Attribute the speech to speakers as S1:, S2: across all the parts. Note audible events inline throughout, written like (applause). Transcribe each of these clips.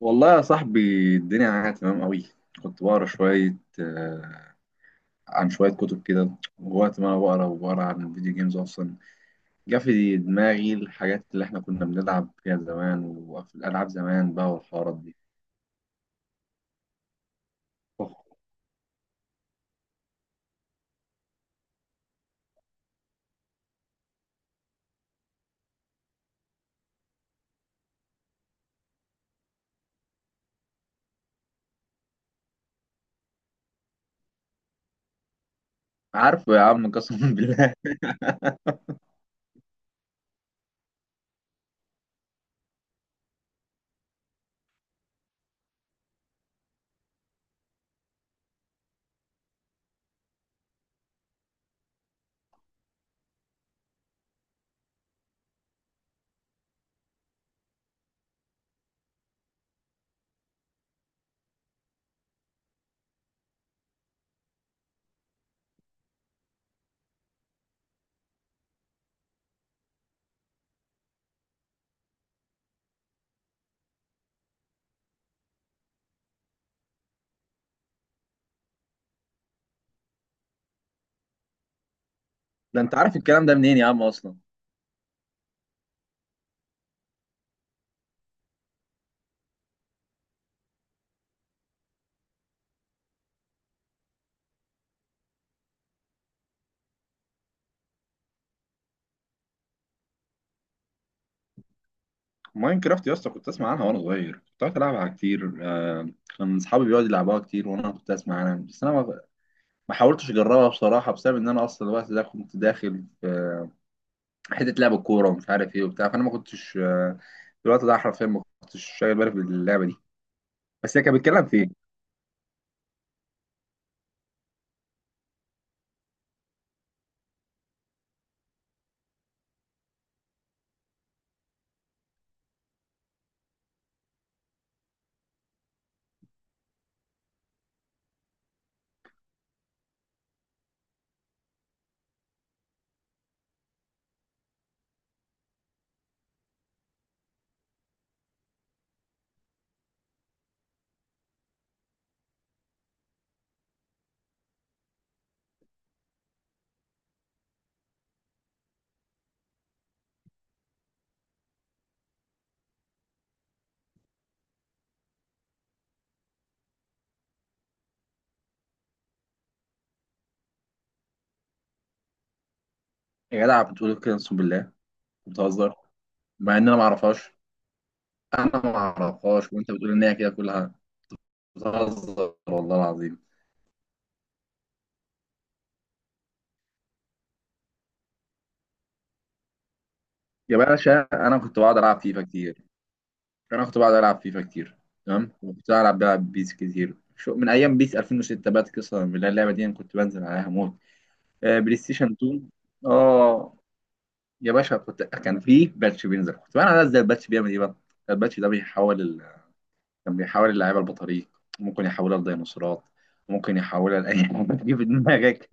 S1: والله يا صاحبي، الدنيا معايا تمام قوي. كنت بقرا شوية عن شوية كتب كده. ووقت ما أنا بقرا وبقرا عن الفيديو جيمز أصلا جه في دماغي الحاجات اللي إحنا كنا بنلعب فيها زمان، وفي الألعاب زمان بقى والحوارات دي. عارفه يا عم، قسما (laughs) بالله. ده أنت عارف الكلام ده منين يا عم أصلا؟ ماينكرافت يا اسطى، كنت أسمع عنها وأنا صغير، كنت قاعد ألعبها كتير كان أصحابي بيقعدوا يلعبوها كتير وأنا كنت أسمع عنها، بس أنا ما حاولتش أجربها بصراحة، بسبب إن أنا أصلا الوقت ده كنت داخل في حته لعب الكوره ومش عارف ايه وبتاع، فانا ما كنتش في الوقت ده حرفيا ما كنتش شايل بالي باللعبه دي. بس هي كانت بتتكلم في ايه؟ يا جدع بتقول كده؟ اقسم بالله بتهزر؟ مع ان انا ما اعرفهاش. انا ما اعرفهاش وانت بتقول ان هي كده كلها. بتهزر والله العظيم. يا باشا، انا كنت بقعد العب فيفا كتير، تمام. وكنت العب بلعب بيس كتير شو من ايام بيس 2006، بقت قصه من اللعبه دي، انا كنت بنزل عليها موت. بلاي ستيشن 2. اه يا باشا، كنت كان في باتش بينزل، كنت بقى انا ازاي الباتش بيعمل ايه بقى. الباتش ده بيحول كان بيحول اللعيبه لبطاريق، ممكن يحولها لديناصورات، ممكن يحولها لاي حاجه (laughs) تيجي في دماغك.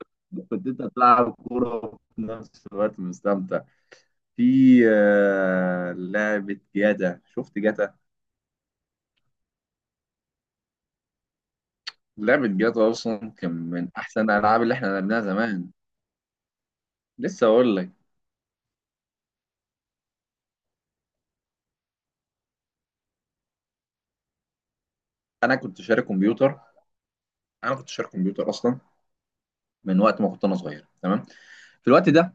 S1: (laughs) كنت انت بتلعب كوره وفي نفس الوقت مستمتع. في لعبه جاتا، شفت جاتا؟ لعبه جاتا اصلا كان من احسن الالعاب اللي احنا لعبناها زمان. لسه اقول لك. انا كنت شاري كمبيوتر انا كنت شاري كمبيوتر اصلا من وقت ما كنت انا صغير، تمام. في الوقت ده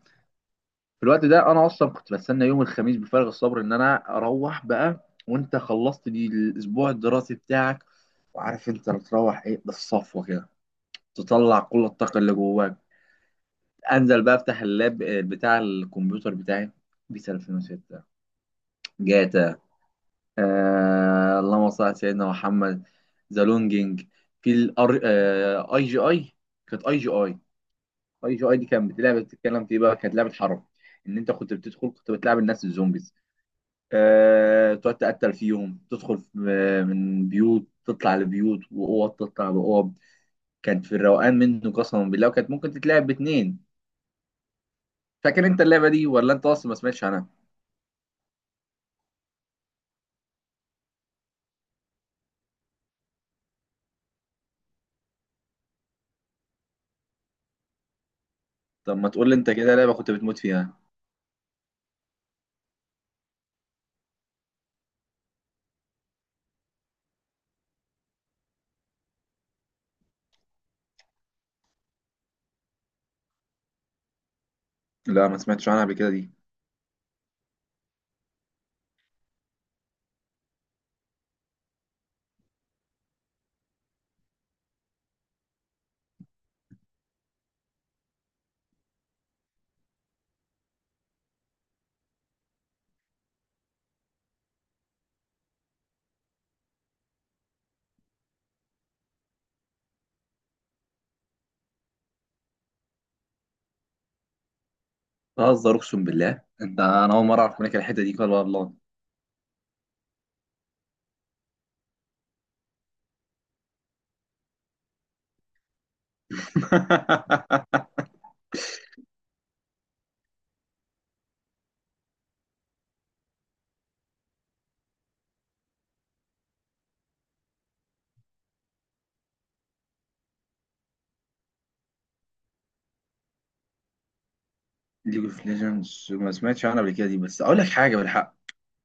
S1: في الوقت ده انا اصلا كنت بستنى يوم الخميس بفارغ الصبر ان انا اروح بقى، وانت خلصت دي الاسبوع الدراسي بتاعك وعارف انت بتروح ايه بالصفوه كده، تطلع كل الطاقه اللي جواك. انزل بقى افتح اللاب بتاع الكمبيوتر بتاعي. بيس 2006، جاتا، آه اللهم صل على سيدنا محمد، ذا لونجينج، في الار اي جي اي، كانت اي جي اي. اي جي اي دي كانت بتلعب بتتكلم في إيه بقى؟ كانت لعبه حرب، ان انت كنت بتدخل كنت بتلعب الناس الزومبيز، تقعد تقتل فيهم، تدخل من بيوت تطلع لبيوت، وأوض تطلع بأوض. كانت في الروقان منه قسما بالله، وكانت ممكن تتلعب باتنين. فاكر انت اللعبة دي ولا انت اصلا ما سمعتش عنها؟ طب ما تقول لي انت كده لعبة كنت بتموت فيها. لا ما سمعتش عنها قبل كده دي. بهزر اقسم بالله، انت انا اول مرة اعرف منك الحتة دي، قال والله. (laughs) ليج اوف ليجندز ما سمعتش عنها قبل كده دي، بس اقول لك حاجة بالحق.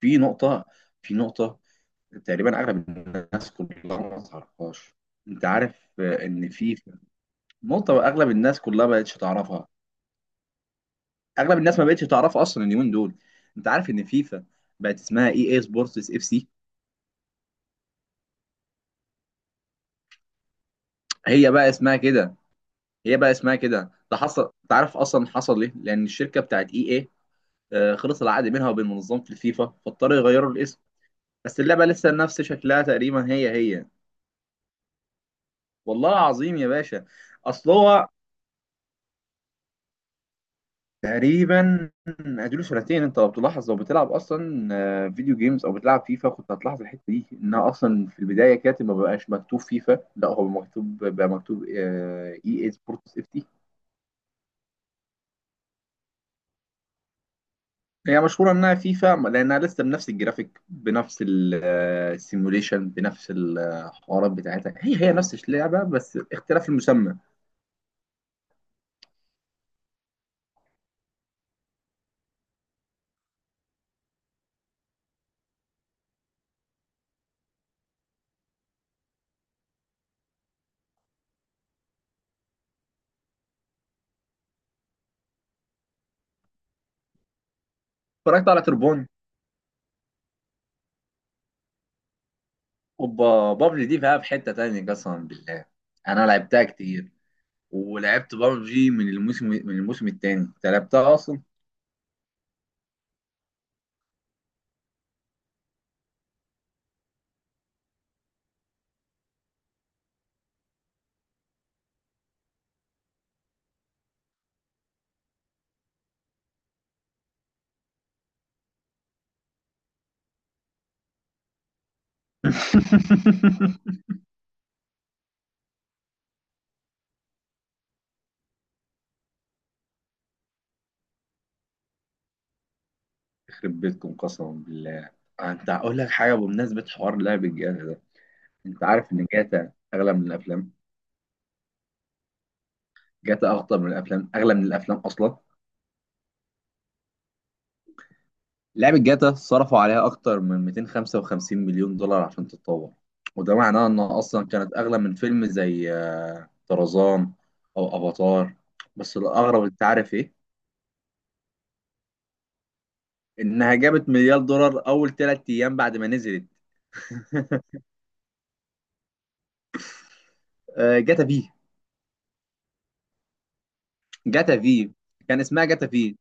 S1: في نقطة في نقطة تقريبا اغلب الناس كلها ما تعرفهاش. انت عارف ان في نقطه اغلب الناس كلها ما بقتش تعرفها. اغلب الناس ما بقتش تعرف اصلا اليومين دول. انت عارف ان فيفا بقت اسمها اي اي سبورتس اف سي؟ هي بقى اسمها كده هي بقى اسمها كده. ده حصل، انت عارف اصلا حصل ليه؟ لان الشركه بتاعت اي اي خلص العقد منها وبين منظمه الفيفا، فاضطروا يغيروا الاسم. بس اللعبه لسه نفس شكلها تقريبا، هي هي. والله العظيم يا باشا. اصل هو تقريبا اديله سنتين. انت لو بتلاحظ لو بتلعب اصلا فيديو جيمز او بتلعب فيفا كنت هتلاحظ الحته دي، انها اصلا في البدايه كانت ما بقاش مكتوب فيفا، لا هو مكتوب بقى مكتوب اي اي سبورتس اف تي. هي مشهوره انها فيفا لانها لسه بنفس الجرافيك، بنفس السيموليشن، بنفس الحوارات بتاعتها، هي هي نفس اللعبه بس اختلاف المسمى. اتفرجت على تربون. اوبا بابجي دي بقى في حته تانيه قسما بالله. انا لعبتها كتير. ولعبت بابجي من الموسم الثاني. انت لعبتها اصلا؟ (laughs) يخرب بيتكم قسما بالله. انت هقول لك حاجه بمناسبه حوار لعب الجاتا ده. انت عارف ان جاتا اغلى من الافلام؟ جاتا اخطر من الافلام، اغلى من الافلام اصلا. لعبه جاتا صرفوا عليها اكتر من 255 مليون دولار عشان تتطور. وده معناه انها اصلا كانت اغلى من فيلم زي طرزان او افاتار. بس الاغرب، انت عارف ايه؟ انها جابت مليار دولار اول 3 ايام بعد ما نزلت. آه، جاتا في. جاتا في كان اسمها جاتا في.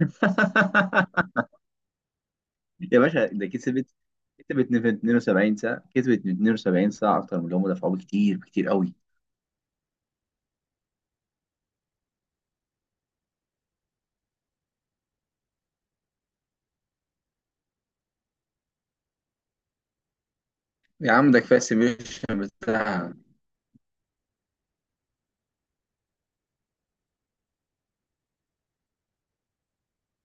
S1: (laughs) يا باشا ده كسبت 72 ساعة، أكتر من اللي هم دفعوه، كتير كتير قوي. يا عم ده كفاية السيميوليشن بتاعها.